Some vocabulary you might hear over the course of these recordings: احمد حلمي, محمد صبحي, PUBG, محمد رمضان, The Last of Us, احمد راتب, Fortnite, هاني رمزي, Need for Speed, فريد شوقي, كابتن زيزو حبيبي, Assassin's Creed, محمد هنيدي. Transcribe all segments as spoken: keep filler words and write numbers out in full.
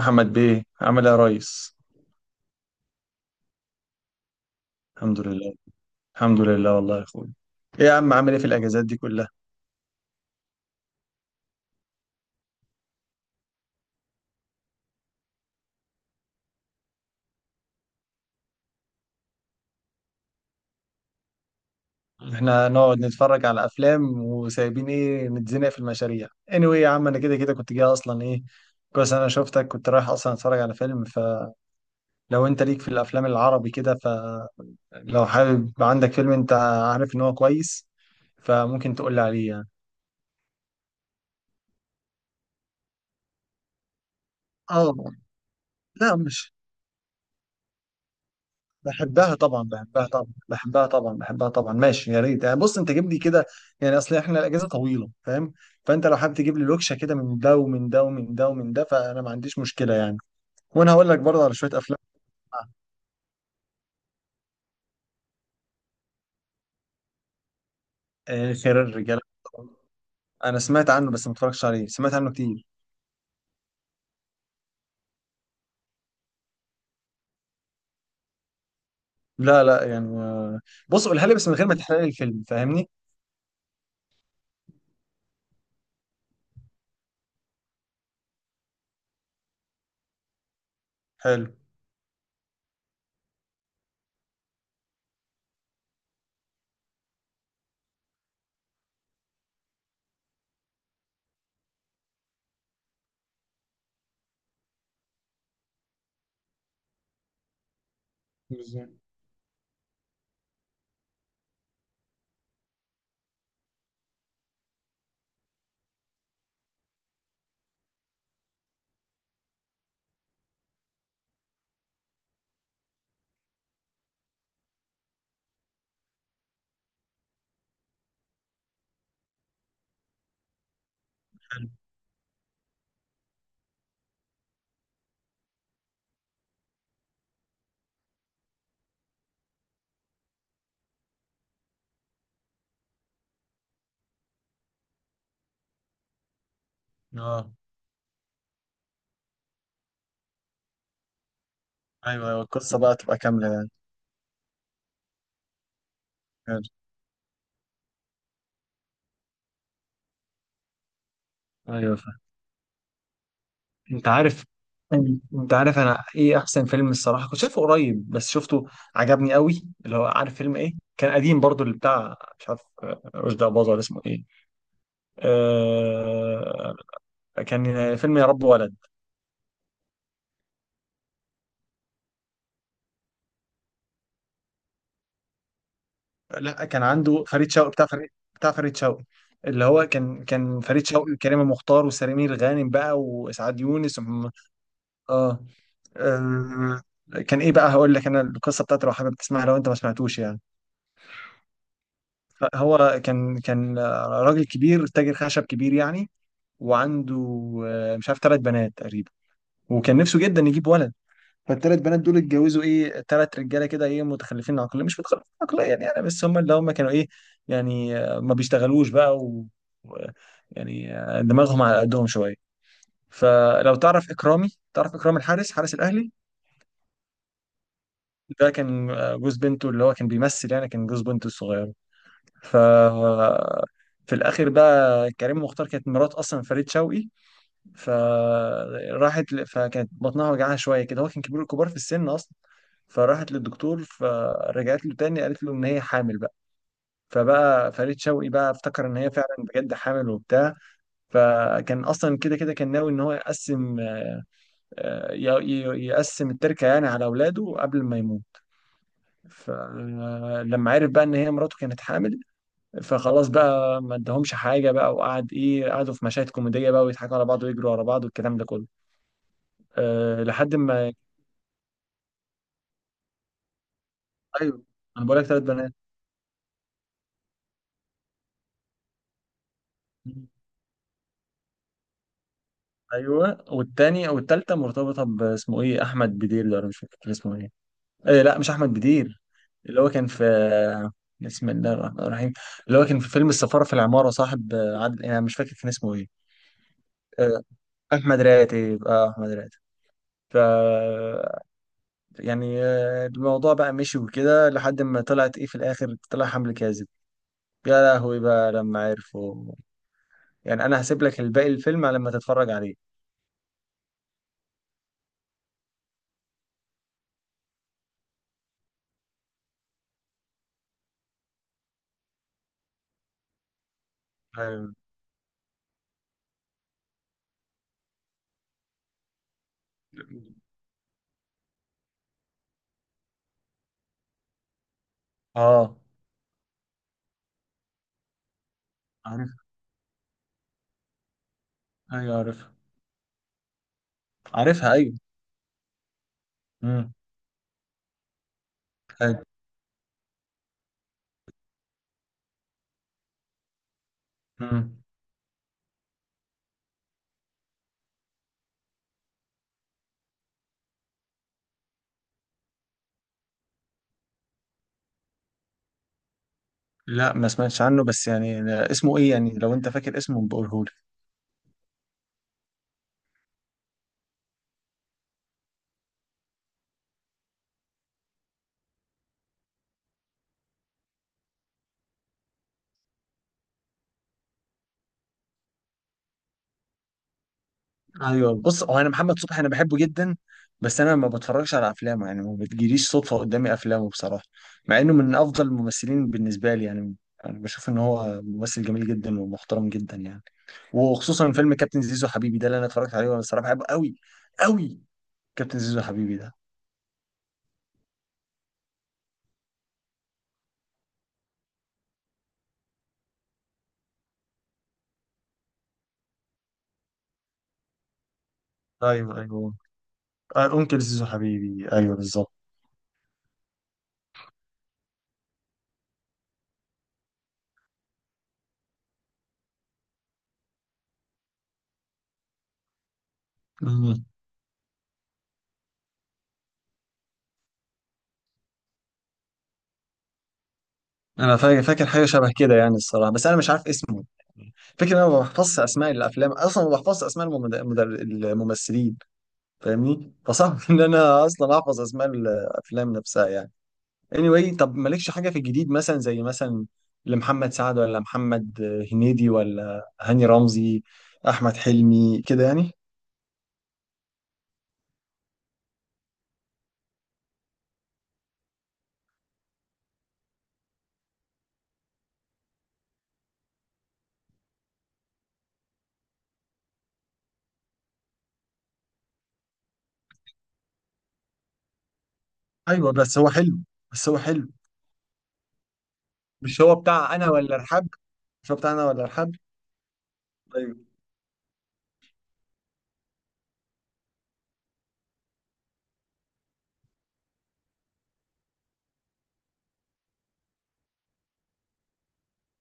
محمد بيه عامل ايه يا ريس؟ الحمد لله. الحمد لله والله يا اخويا. ايه يا عم عامل ايه في الاجازات دي كلها؟ احنا نقعد نتفرج على افلام وسايبين ايه نتزنق في المشاريع. anyway يا عم انا كده كده كنت جاي اصلا ايه. كويس انا شفتك. كنت رايح اصلا اتفرج على فيلم فلو. انت ليك في الافلام العربي كده فلو. حابب عندك فيلم انت عارف ان هو كويس، فممكن تقول لي عليه يعني. اه، لا مش، بحبها طبعا، بحبها طبعا، بحبها طبعا، بحبها طبعا. ماشي، يا ريت يعني. بص انت جيب لي كده يعني. اصل احنا الاجازه طويله فاهم، فانت لو حابب تجيب لي لوكشه كده من ده ومن ده ومن ده ومن ده، فانا ما عنديش مشكله يعني. وانا هقول لك برضه على شويه افلام. آه، خير الرجال. انا سمعت عنه بس ما اتفرجتش عليه، سمعت عنه كتير. لا لا يعني آه، بص قولها لي بس من غير ما تحرق لي الفيلم فاهمني. حلو. بالظبط. اه ايوه ايوه، القصه بقى تبقى كامله يعني. حلو. ايوه. انت عارف، انت عارف انا ايه احسن فيلم؟ الصراحه كنت شايفه قريب، بس شفته عجبني قوي. اللي هو عارف فيلم ايه؟ كان قديم برضو، اللي بتاع مش عارف آه، رشدي اباظه ولا اسمه ايه. آه. كان فيلم يا رب ولد. لا كان عنده فريد شوقي، بتاع فريد، بتاع فريد شوقي. اللي هو كان كان فريد شوقي وكريمه مختار وسمير غانم بقى واسعاد يونس ومحمد-. اه. آه، كان ايه بقى؟ هقول لك انا القصه بتاعته لو حابب تسمعها، لو انت ما سمعتوش يعني. فهو كان كان راجل كبير، تاجر خشب كبير يعني. وعنده آه، مش عارف ثلاث بنات تقريبا. وكان نفسه جدا يجيب ولد. فالثلاث بنات دول اتجوزوا ايه ثلاث رجاله كده، ايه متخلفين عقليا مش متخلفين عقليا يعني، بس هم اللي هم كانوا ايه يعني، آه، ما بيشتغلوش بقى و و- يعني آه، دماغهم على قدهم شويه. فلو تعرف اكرامي، تعرف اكرام الحارس، حارس الاهلي، ده كان آه، جوز بنته. اللي هو كان بيمثل يعني، كان جوز بنته الصغير. ف في الاخر بقى، كريم مختار كانت مرات اصلا فريد شوقي. فراحت ل... فكانت بطنها وجعها شويه كده، هو كان كبير، كبار في السن اصلا. فراحت للدكتور، فرجعت له تاني قالت له ان هي حامل بقى. فبقى فريد شوقي بقى افتكر ان هي فعلا بجد حامل وبتاع. فكان اصلا كده كده كان ناوي ان هو يقسم آه، ي- ي- يقسم التركه يعني على اولاده قبل ما يموت. فلما عرف بقى ان هي مراته كانت حامل، فخلاص بقى ما ادهمش حاجه بقى. وقعد ايه، قعدوا في مشاهد كوميديه بقى، ويضحكوا على بعض ويجروا على بعض والكلام ده كله. أه لحد ما. ايوه انا بقول لك ثلاث بنات. ايوه، والتاني والتالتة مرتبطه باسمه ايه احمد بدير، ده ولا مش فاكر اسمه ايه. أه لا مش احمد بدير، اللي هو كان في، بسم الله الرحمن الرحيم، اللي هو كان في فيلم السفاره في العماره، صاحب آه، عادل، انا مش فاكر كان اسمه ايه. أه احمد راتب، اه احمد راتب. ف يعني آه، الموضوع بقى مشي وكده، لحد ما طلعت ايه في الاخر طلع حمل كاذب. يا لهوي بقى لما عرفوا. يعني انا هسيب لك الباقي الفيلم لما تتفرج عليه. أيوة. اه. عارف. ايوه عارفها. عارفها ايوه. امم. ايوه. امم. لا ما سمعتش عنه، بس يعني آه، اسمه ايه يعني؟ لو انت فاكر اسمه بقوله. ايوه بص، هو انا محمد صبحي انا بحبه جدا، بس انا ما بتفرجش على افلامه يعني، ما بتجيليش صدفه قدامي افلامه بصراحه، مع انه من افضل الممثلين بالنسبه لي يعني. انا بشوف ان هو ممثل جميل جدا ومحترم جدا يعني. وخصوصا فيلم كابتن زيزو حبيبي ده اللي انا اتفرجت عليه، وانا بصراحه بحبه قوي قوي، كابتن زيزو حبيبي ده. ايوه ايوه، آه، انكل زيزو حبيبي، ايوه بالظبط. مم. انا فاكر، فاكر حاجه شبه كده يعني الصراحه، بس انا مش عارف اسمه. فكرة إن انا ما بحفظش اسماء الافلام اصلا، ما بحفظش اسماء الممد- المدر- الممثلين فاهمني، فصعب ان انا اصلا احفظ اسماء الافلام نفسها يعني. anyway طب مالكش حاجه في الجديد مثلا، زي مثلا لمحمد سعد، ولا محمد هنيدي، ولا هاني رمزي، احمد حلمي كده يعني. ايوه بس هو حلو، بس هو حلو. مش هو بتاع انا ولا ارحاب؟ مش هو بتاع انا ولا ارحاب؟ ايوه.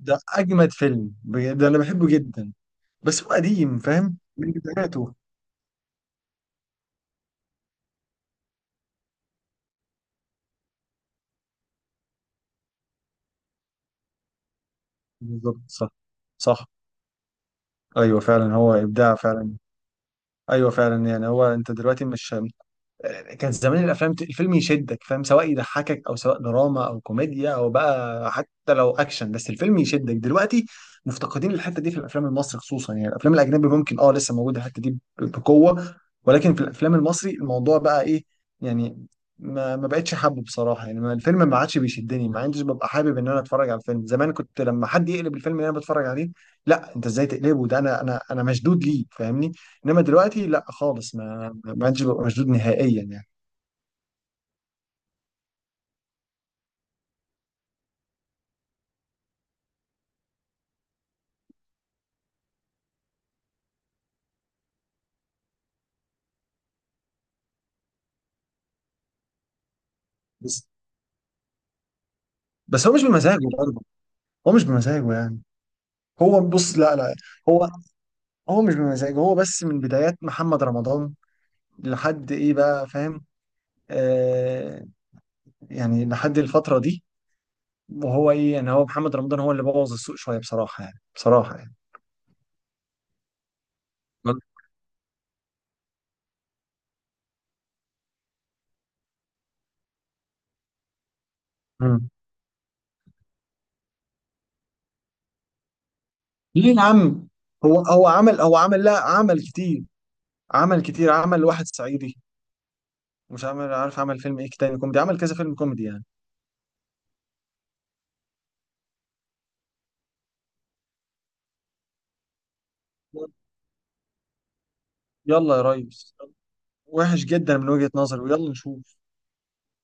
ده اجمد فيلم بجد، ده انا بحبه جدا. بس هو قديم فاهم، من بداياته. بالظبط صح، صح. ايوه فعلا، هو ابداع فعلا. ايوه فعلا يعني، هو انت دلوقتي مش، كان زمان الافلام ت- الفيلم يشدك فاهم، سواء يضحكك او سواء دراما او كوميديا او بقى حتى لو اكشن، بس الفيلم يشدك. دلوقتي مفتقدين الحته دي في الافلام المصري خصوصا يعني. الافلام الاجنبي ممكن اه لسه موجوده الحته دي ب- بقوه، ولكن في الافلام المصري الموضوع بقى ايه يعني، ما ما بقتش حابه بصراحه يعني. ما- الفيلم ما عادش بيشدني، ما عنديش ببقى حابب ان انا اتفرج على الفيلم. زمان كنت لما حد يقلب الفيلم اللي انا بتفرج عليه، لا انت ازاي تقلبه ده؟ انا انا انا مشدود ليه فاهمني. انما دلوقتي لا خالص، ما ما عادش ببقى مشدود نهائيا يعني. بس، بس هو مش بمزاجه برضه. هو مش بمزاجه يعني. هو بص لا لا، هو هو مش بمزاجه. هو بس من بدايات محمد رمضان لحد ايه بقى فاهم، آه، يعني لحد الفترة دي. وهو ايه يعني، هو محمد رمضان هو اللي بوظ السوق شوية بصراحة يعني، بصراحة يعني. مم. ليه يا عم؟ هو هو عمل، هو عمل، لا عمل كتير، عمل كتير. عمل واحد صعيدي، مش عمل، عارف عمل فيلم ايه تاني كوميدي؟ عمل كذا فيلم كوميدي يعني. يلا يا ريس، وحش جدا من وجهة نظري، ويلا نشوف.